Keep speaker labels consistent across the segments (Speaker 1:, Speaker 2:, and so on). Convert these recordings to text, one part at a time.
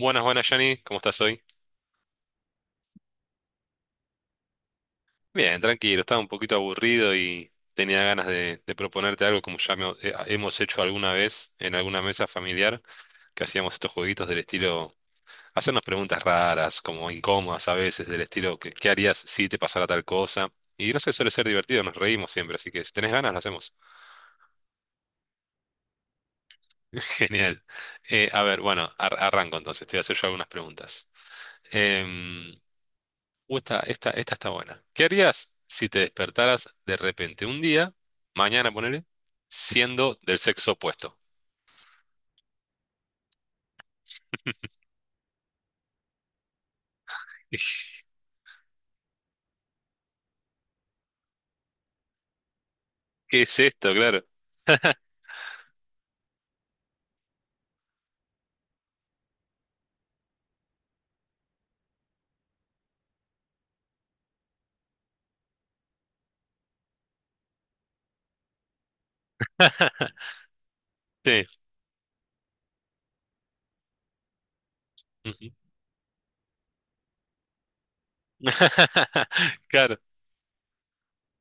Speaker 1: Buenas, buenas, Johnny. ¿Cómo estás hoy? Bien, tranquilo. Estaba un poquito aburrido y tenía ganas de proponerte algo como hemos hecho alguna vez en alguna mesa familiar, que hacíamos estos jueguitos del estilo, hacernos preguntas raras, como incómodas a veces, del estilo, ¿qué harías si te pasara tal cosa? Y no sé, suele ser divertido, nos reímos siempre, así que si tenés ganas, lo hacemos. Genial. A ver, bueno, arranco entonces, te voy a hacer yo algunas preguntas. Em, esta está buena. ¿Qué harías si te despertaras de repente un día, mañana ponele, siendo del sexo opuesto? ¿Qué es esto? Claro. Sí. Ujú. Claro.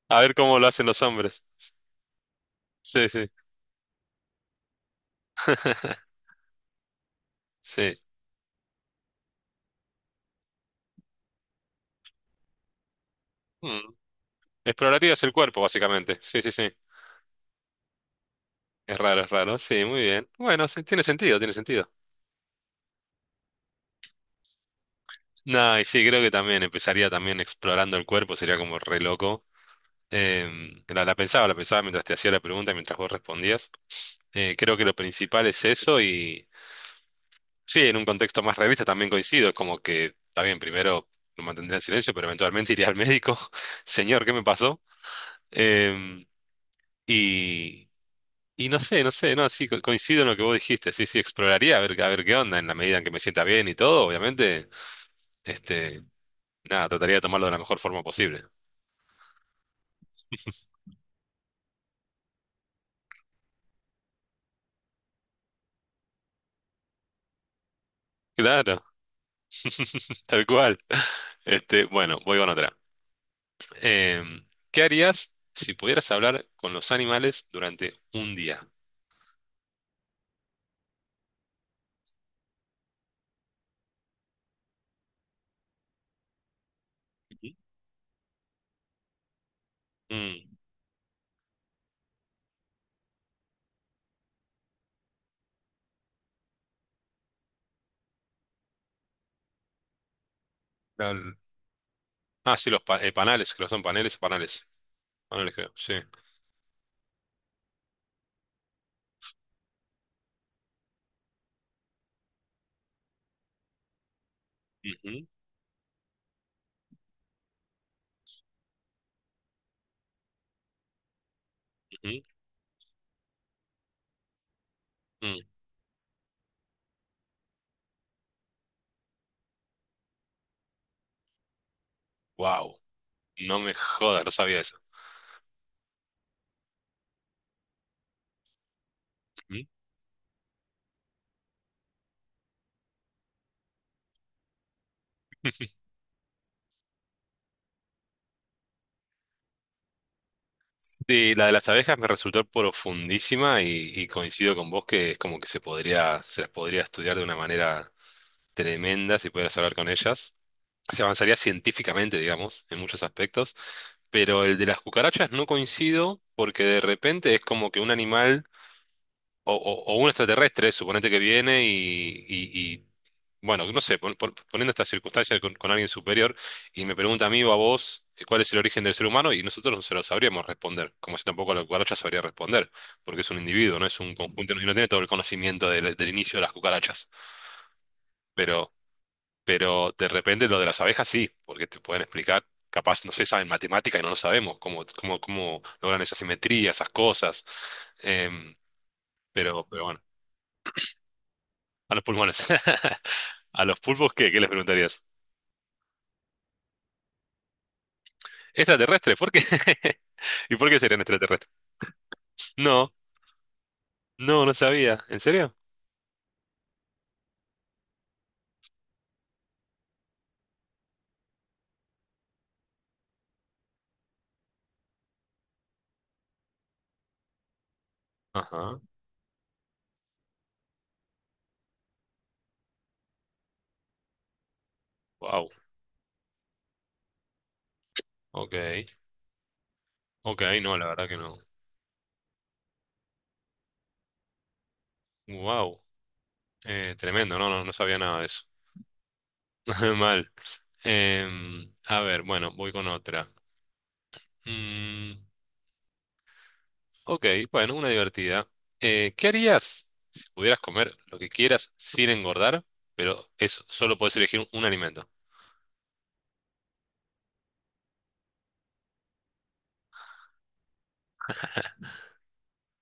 Speaker 1: A ver cómo lo hacen los hombres. Sí, sí. Sí. Mm. Explorarías el cuerpo, básicamente. Sí, sí, sí. Es raro, es raro. Sí, muy bien. Bueno, sí, tiene sentido, tiene sentido. No, y sí, creo que también empezaría también explorando el cuerpo, sería como re loco. La pensaba, la pensaba mientras te hacía la pregunta, mientras vos respondías. Creo que lo principal es eso y sí, en un contexto más realista también coincido, es como que, está bien, primero lo mantendría en silencio, pero eventualmente iría al médico, señor, ¿qué me pasó? Em, y, y no sé, no sé, no, sí, coincido en lo que vos dijiste, sí, sí, exploraría a ver qué onda en la medida en que me sienta bien y todo, obviamente, este, nada, trataría de tomarlo de la mejor forma posible. Claro, tal cual. Este, bueno, voy con otra. Em, ¿qué harías si pudieras hablar con los animales durante un día? Ujú. Mm, tal- Ah, sí, panales, creo que son paneles, panales. Panales, creo, sí. Ujú, ujú, mm. Wow, no me jodas, no sabía eso. Ujú. Sí, la de las abejas me resultó profundísima y coincido con vos que es como que se podría, se las podría estudiar de una manera tremenda si pudieras hablar con ellas. Se avanzaría científicamente, digamos, en muchos aspectos. Pero el de las cucarachas no coincido porque de repente es como que un animal o, o un extraterrestre, suponete que viene y bueno, no sé, poniendo esta circunstancia con alguien superior y me pregunta a mí o a vos cuál es el origen del ser humano y nosotros no se lo sabríamos responder, como yo tampoco la cucaracha sabría responder, porque es un individuo, no es un conjunto no, y no tiene todo el conocimiento del inicio de las cucarachas. Pero pero de repente lo de las abejas sí, porque te pueden explicar, capaz, no sé, saben matemática y no lo sabemos, cómo, cómo, cómo logran esa simetría, esas cosas. Em, pero bueno, a los pulmones. ¿A los pulpos qué? ¿Qué les preguntarías? ¿Extraterrestres? ¿Por qué? ¿Y por qué serían extraterrestres? No, no, no sabía. ¿En serio? Ajá. Wow. Ok. Ok, no, la verdad que no. Wow. Tremendo, no, no, no sabía nada de eso. Mal. A ver, bueno, voy con otra. Mm. Ok, bueno, una divertida. ¿Qué harías si pudieras comer lo que quieras sin engordar, pero eso solo puedes elegir un alimento?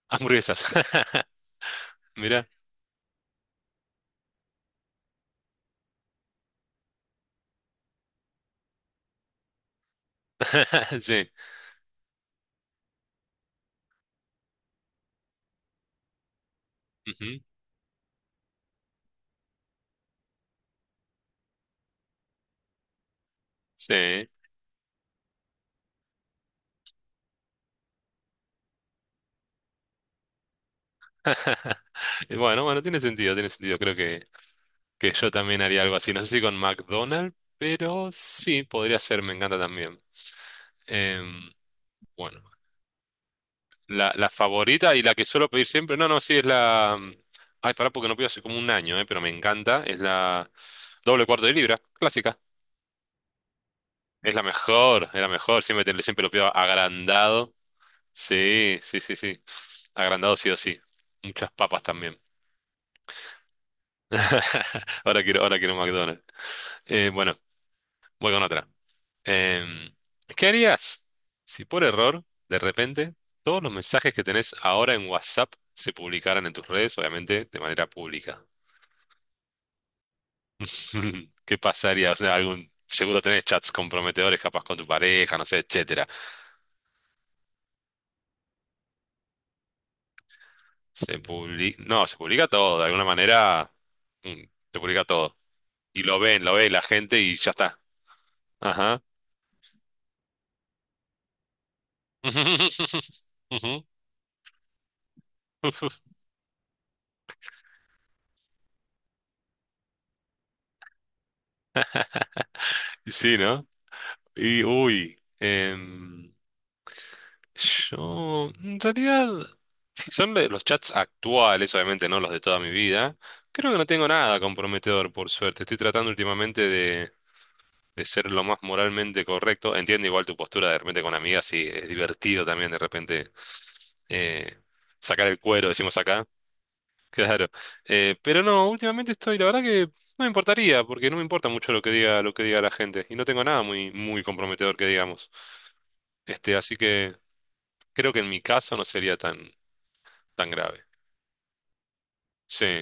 Speaker 1: Hamburguesas. Mira. Sí. Ujú. Sí. Y bueno, bueno, tiene sentido, tiene sentido. Creo que yo también haría algo así. No sé si con McDonald's, pero sí, podría ser, me encanta también. Em, bueno. La favorita y la que suelo pedir siempre, no, no, sí, es la... mm, Ay, pará, porque no pido hace como un año, pero me encanta, es la doble cuarto de libra, clásica. Es la mejor, siempre, siempre lo pido agrandado. Sí, sí, sí, sí. Agrandado sí o sí. Muchas papas también. Ahora quiero un McDonald's. Eh, bueno, voy con otra. Em, ¿qué harías si por error, de repente, todos los mensajes que tenés ahora en WhatsApp se publicaran en tus redes, obviamente de manera pública? ¿Qué pasaría? O sea, algún, seguro tenés chats comprometedores capaz con tu pareja, no sé, etcétera. Se publica, no, se publica todo, de alguna manera, mm, se publica todo. Y lo ven, lo ve la gente y ya está. Ajá. Ujú. Sí, ¿no? Y, uy, yo, en realidad, si son de los chats actuales, obviamente no los de toda mi vida, creo que no tengo nada comprometedor, por suerte. Estoy tratando últimamente de ser lo más moralmente correcto. Entiendo igual tu postura de repente con amigas, sí, es divertido también de repente eh, sacar el cuero, decimos acá, claro. Pero no, últimamente estoy, la verdad que no me importaría, porque no me importa mucho lo que diga la gente, y no tengo nada muy, muy comprometedor que digamos. Este, así que creo que en mi caso no sería tan, tan grave. Sí.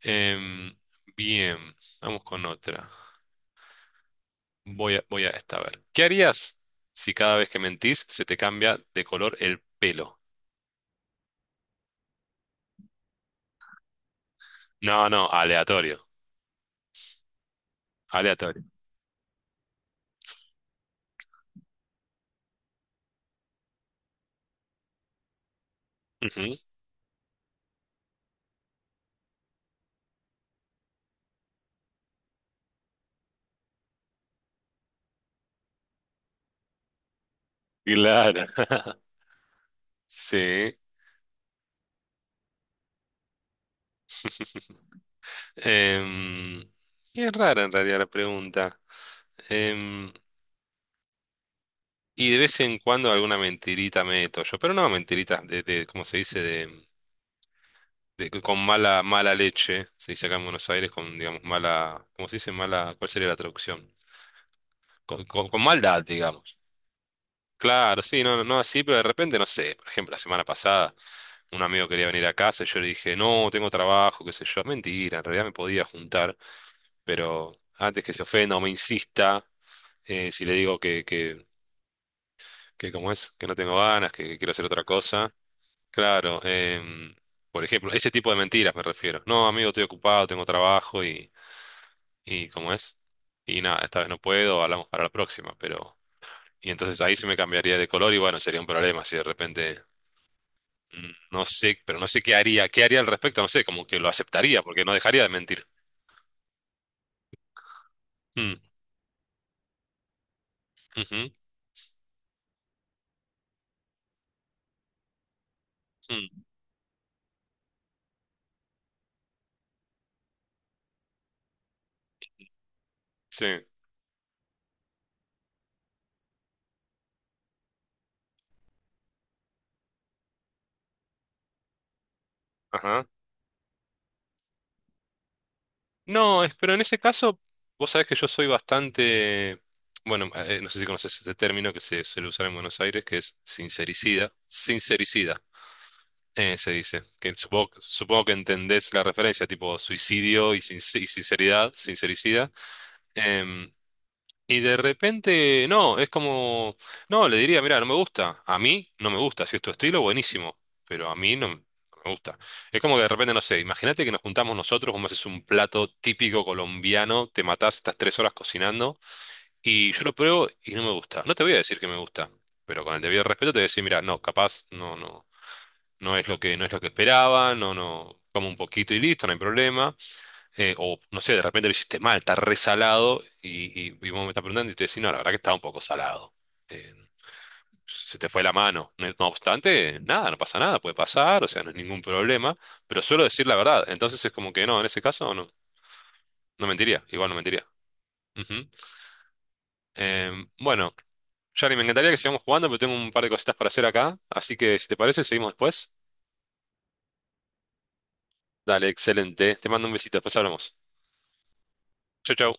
Speaker 1: Em, bien, vamos con otra. Voy a, voy a esta, a ver. ¿Qué harías si cada vez que mentís se te cambia de color el pelo? No, no, aleatorio. Aleatorio. Ujú. Claro. Sí. Em, y es rara en realidad la pregunta. Em, y de vez en cuando alguna mentirita meto yo, pero no mentiritas de ¿cómo se dice? De, con mala, mala leche. Se dice acá en Buenos Aires con, digamos, mala, ¿cómo se dice? Mala, ¿cuál sería la traducción? Con maldad, digamos. Claro, sí, no, no, no así, pero de repente, no sé, por ejemplo, la semana pasada un amigo quería venir a casa y yo le dije, no, tengo trabajo, qué sé yo, mentira, en realidad me podía juntar, pero antes que se ofenda o me insista, si le digo que cómo es, que no tengo ganas, que quiero hacer otra cosa, claro, em, por ejemplo, ese tipo de mentiras me refiero, no, amigo, estoy ocupado, tengo trabajo y cómo es, y nada, esta vez no puedo, hablamos para la próxima, pero... Y entonces ahí se me cambiaría de color y bueno, sería un problema si de repente... Mm, no sé, pero no sé qué haría al respecto, no sé, como que lo aceptaría, porque no dejaría de mentir. Mm, ujú, mm, sí, ajá. No, es, pero en ese caso, vos sabés que yo soy bastante, bueno, no sé si conoces este término que se suele usar en Buenos Aires, que es sincericida, sincericida, se dice, que supongo, supongo que entendés la referencia, tipo suicidio y, y sinceridad, sincericida. Em, Y de repente, no, es como, no, le diría, mira, no me gusta. A mí no me gusta. Si es tu estilo, buenísimo. Pero a mí no, no me gusta. Es como que de repente, no sé, imagínate que nos juntamos nosotros, vos me haces un plato típico colombiano, te matás, estás 3 horas cocinando, y yo lo pruebo y no me gusta. No te voy a decir que me gusta, pero con el debido respeto te voy a decir, mira, no, capaz, no, no, no es lo que, no es lo que esperaba, no, no, como un poquito y listo, no hay problema o no sé, de repente lo hiciste mal, está resalado y vos me estás preguntando y te decís, no, la verdad que estaba un poco salado. Eh, se te fue la mano. No, no obstante, nada, no pasa nada, puede pasar, o sea, no es ningún problema, pero suelo decir la verdad. Entonces es como que no, en ese caso no, no mentiría, igual no mentiría. Ujú. Eh, bueno, Yari, me encantaría que sigamos jugando, pero tengo un par de cositas para hacer acá, así que si te parece, seguimos después. Dale, excelente. Te mando un besito, después hablamos. Chau, chau.